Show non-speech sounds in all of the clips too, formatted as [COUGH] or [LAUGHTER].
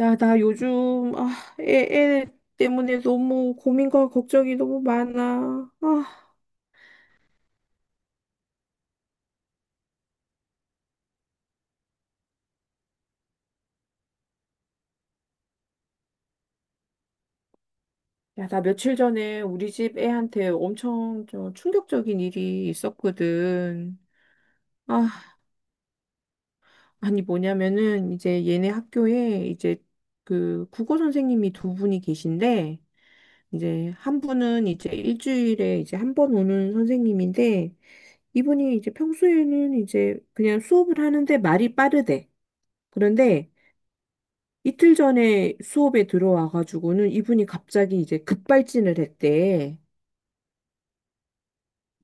야, 나 요즘, 애 때문에 너무 고민과 걱정이 너무 많아. 야, 나 며칠 전에 우리 집 애한테 엄청 좀 충격적인 일이 있었거든. 아, 아니 뭐냐면은 이제 얘네 학교에 이제 그 국어 선생님이 두 분이 계신데, 이제 한 분은 이제 일주일에 이제 한 번 오는 선생님인데, 이분이 이제 평소에는 이제 그냥 수업을 하는데 말이 빠르대. 그런데 이틀 전에 수업에 들어와가지고는 이분이 갑자기 이제 급발진을 했대.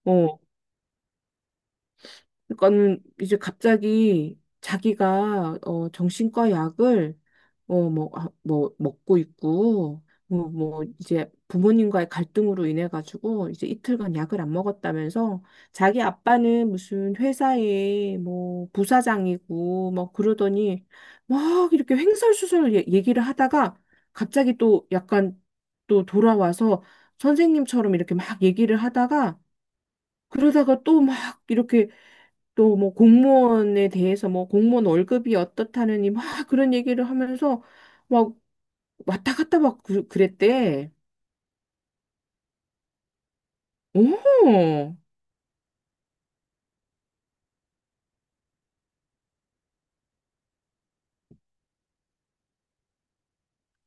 어, 그러니까는 이제 갑자기 자기가 정신과 약을 어뭐뭐 먹고 있고 이제 부모님과의 갈등으로 인해 가지고 이제 이틀간 약을 안 먹었다면서 자기 아빠는 무슨 회사의 뭐 부사장이고 막 그러더니 막 이렇게 횡설수설 얘기를 하다가 갑자기 또 약간 또 돌아와서 선생님처럼 이렇게 막 얘기를 하다가 그러다가 또 막 이렇게 또 뭐 공무원에 대해서 뭐 공무원 월급이 어떻다느니 막 [LAUGHS] 그런 얘기를 하면서 막 왔다 갔다 막 그랬대. 오!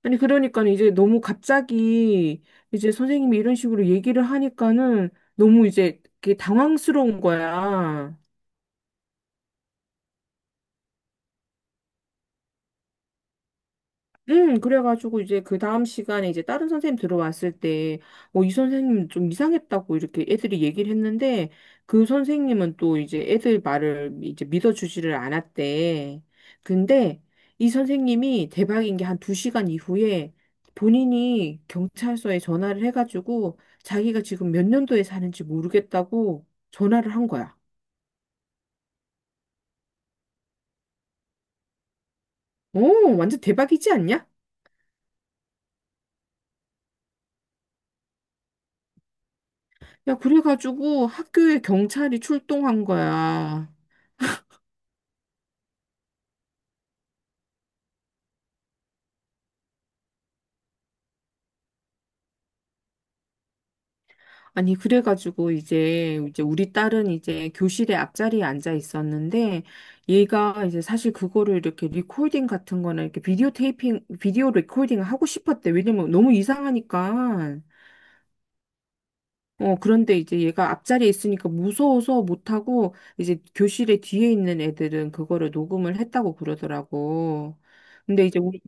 아니 그러니까 는 이제 너무 갑자기 이제 선생님이 이런 식으로 얘기를 하니까는 너무 이제 그게 당황스러운 거야. 그래가지고 이제 그 다음 시간에 이제 다른 선생님 들어왔을 때, 이 선생님 좀 이상했다고 이렇게 애들이 얘기를 했는데, 그 선생님은 또 이제 애들 말을 이제 믿어주지를 않았대. 근데 이 선생님이 대박인 게 한 두 시간 이후에 본인이 경찰서에 전화를 해가지고 자기가 지금 몇 년도에 사는지 모르겠다고 전화를 한 거야. 오, 완전 대박이지 않냐? 야, 그래가지고 학교에 경찰이 출동한 거야. 아니, 그래가지고 이제 우리 딸은 이제 교실에 앞자리에 앉아 있었는데, 얘가 이제 사실 그거를 이렇게 리코딩 같은 거나 이렇게 비디오 테이핑, 비디오 리코딩을 하고 싶었대. 왜냐면 너무 이상하니까. 그런데 이제 얘가 앞자리에 있으니까 무서워서 못하고, 이제 교실에 뒤에 있는 애들은 그거를 녹음을 했다고 그러더라고. 근데 이제 우리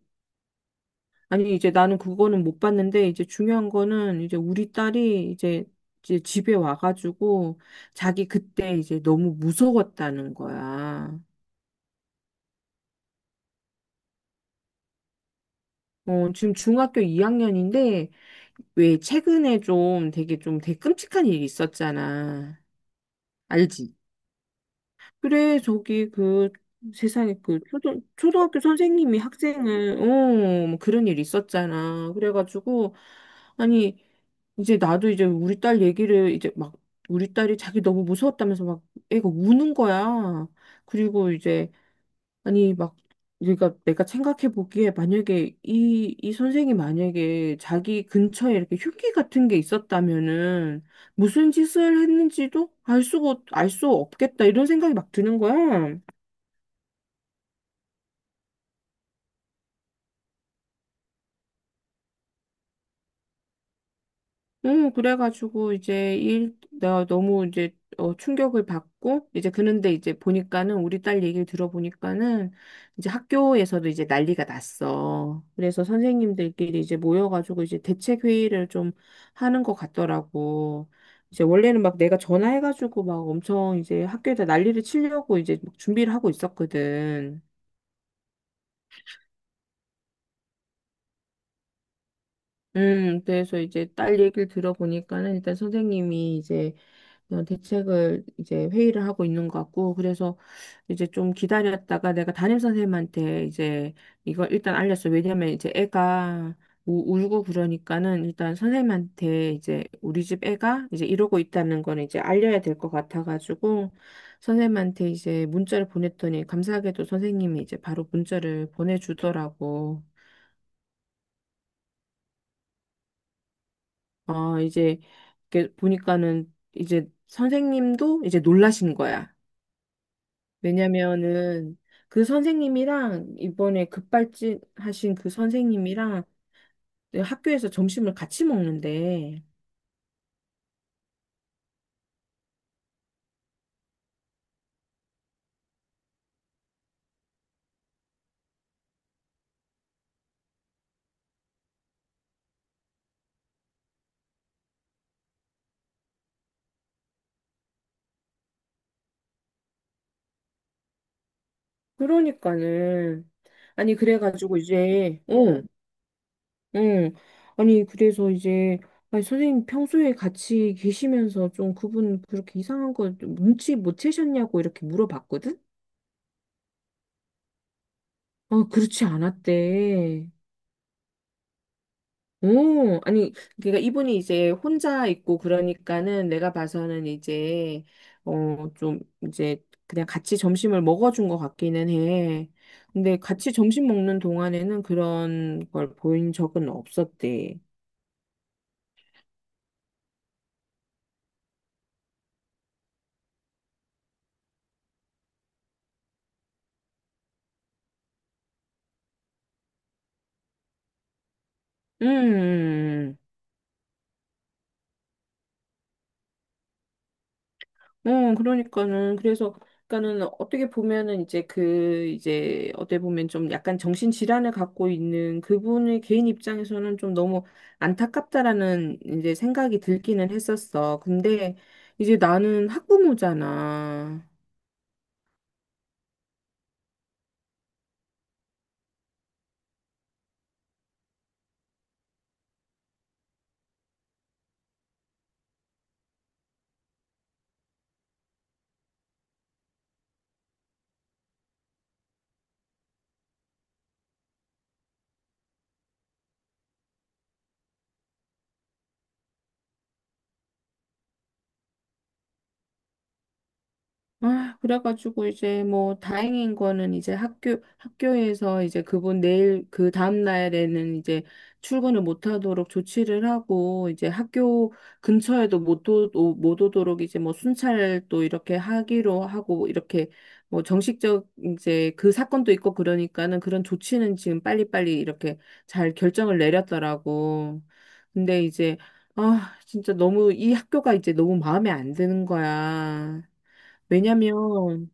아니, 이제 나는 그거는 못 봤는데, 이제 중요한 거는 이제 우리 딸이 이제, 이제 집에 와가지고 자기 그때 이제 너무 무서웠다는 거야. 지금 중학교 2학년인데, 왜 최근에 좀 되게 끔찍한 일이 있었잖아. 알지? 그래, 저기 그 세상에 그 초등학교 선생님이 학생을, 뭐 그런 일 있었잖아. 그래가지고, 아니, 이제 나도 이제 우리 딸 얘기를 이제 막 우리 딸이 자기 너무 무서웠다면서 막 애가 우는 거야. 그리고 이제 아니 막 그러니까 내가 생각해 보기에 만약에 이 선생이 만약에 자기 근처에 이렇게 흉기 같은 게 있었다면은 무슨 짓을 했는지도 알 수 없겠다 이런 생각이 막 드는 거야. 응, 그래가지고 이제 나 너무 이제 충격을 받고 이제 그런데 이제 보니까는 우리 딸 얘기를 들어보니까는 이제 학교에서도 이제 난리가 났어. 그래서 선생님들끼리 이제 모여가지고 이제 대책 회의를 좀 하는 것 같더라고. 이제 원래는 막 내가 전화해가지고 막 엄청 이제 학교에다 난리를 치려고 이제 막 준비를 하고 있었거든. 그래서 이제 딸 얘기를 들어보니까는 일단 선생님이 이제 그런 대책을 이제 회의를 하고 있는 것 같고, 그래서 이제 좀 기다렸다가 내가 담임 선생님한테 이제 이걸 일단 알렸어. 왜냐면 이제 애가 울고 그러니까는 일단 선생님한테 이제 우리 집 애가 이제 이러고 있다는 건 이제 알려야 될 것 같아가지고, 선생님한테 이제 문자를 보냈더니 감사하게도 선생님이 이제 바로 문자를 보내주더라고. 이제 이렇게 보니까는 이제 선생님도 이제 놀라신 거야. 왜냐면은 그 선생님이랑 이번에 급발진 하신 그 선생님이랑 학교에서 점심을 같이 먹는데 그러니까는 아니 그래가지고 이제 응 응. 아니 그래서 이제 아니 선생님 평소에 같이 계시면서 좀 그분 그렇게 이상한 거좀 눈치 못 채셨냐고 이렇게 물어봤거든? 그렇지 않았대. 오, 아니, 그러니까 이분이 이제 혼자 있고 그러니까는 내가 봐서는 이제, 좀 이제 그냥 같이 점심을 먹어준 것 같기는 해. 근데 같이 점심 먹는 동안에는 그런 걸 보인 적은 없었대. 음, 음, 음, 음. 그러니까는, 그래서, 그러니까는 어떻게 보면은 이제 이제 어떻게 보면 좀 약간 정신질환을 갖고 있는 그분의 개인 입장에서는 좀 너무 안타깝다라는 이제 생각이 들기는 했었어. 근데 이제 나는 학부모잖아. 그래가지고 이제 뭐 다행인 거는 이제 학교에서 이제 그분 그 다음 날에는 이제 출근을 못 하도록 조치를 하고 이제 학교 근처에도 못, 오, 오- 못 오도록 이제 뭐 순찰 또 이렇게 하기로 하고 이렇게 뭐 정식적 이제 그 사건도 있고 그러니까는 그런 조치는 지금 빨리빨리 이렇게 잘 결정을 내렸더라고. 근데 이제 진짜 너무 이 학교가 이제 너무 마음에 안 드는 거야. 왜냐면,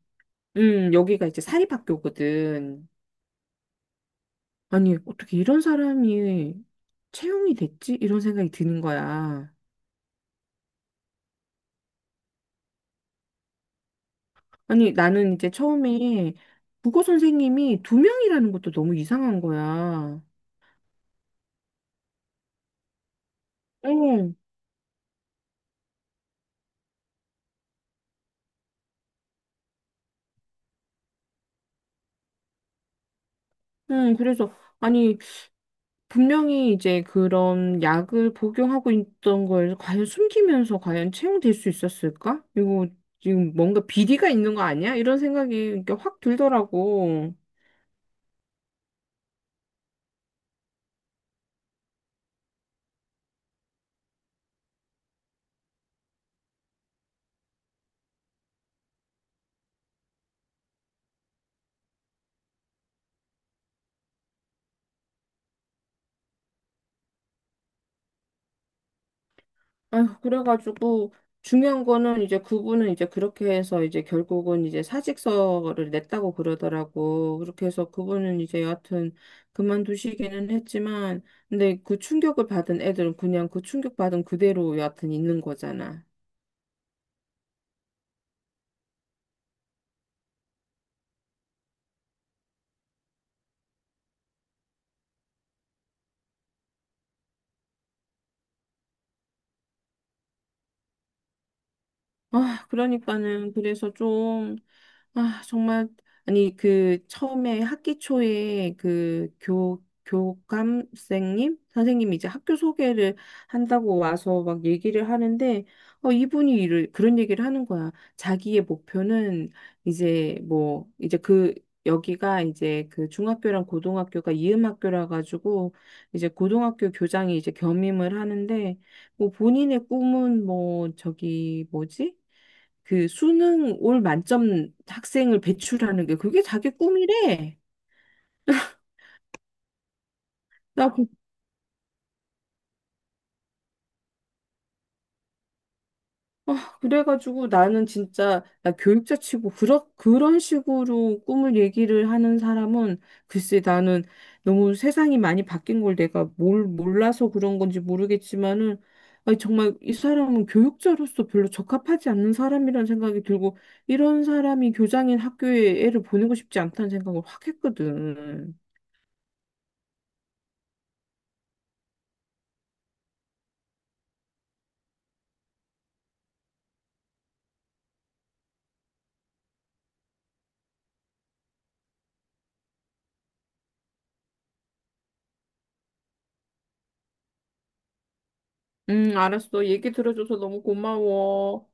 여기가 이제 사립학교거든. 아니, 어떻게 이런 사람이 채용이 됐지? 이런 생각이 드는 거야. 아니, 나는 이제 처음에 국어 선생님이 두 명이라는 것도 너무 이상한 거야. 응, 응, 그래서, 아니, 분명히 이제 그런 약을 복용하고 있던 걸 과연 숨기면서 과연 채용될 수 있었을까? 이거 지금 뭔가 비리가 있는 거 아니야? 이런 생각이 이렇게 확 들더라고. 아휴, 그래가지고 중요한 거는 이제 그분은 이제 그렇게 해서 이제 결국은 이제 사직서를 냈다고 그러더라고. 그렇게 해서 그분은 이제 여하튼 그만두시기는 했지만, 근데 그 충격을 받은 애들은 그냥 그 충격받은 그대로 여하튼 있는 거잖아. 그러니까는 그래서 좀 정말 아니 그 처음에 학기 초에 그 교 교감생님 선생님이 이제 학교 소개를 한다고 와서 막 얘기를 하는데 이분이 이를 그런 얘기를 하는 거야. 자기의 목표는 이제 뭐 이제 그 여기가 이제 그 중학교랑 고등학교가 이음학교라 가지고 이제 고등학교 교장이 이제 겸임을 하는데 뭐 본인의 꿈은 뭐 저기 뭐지? 그 수능 올 만점 학생을 배출하는 게 그게 자기 꿈이래. 나 그 그래가지고 나는 진짜 나 교육자 치고 그런 식으로 꿈을 얘기를 하는 사람은 글쎄 나는 너무 세상이 많이 바뀐 걸 내가 뭘 몰라서 그런 건지 모르겠지만은 아니 정말 이 사람은 교육자로서 별로 적합하지 않는 사람이라는 생각이 들고 이런 사람이 교장인 학교에 애를 보내고 싶지 않다는 생각을 확 했거든. 알았어. 얘기 들어줘서 너무 고마워.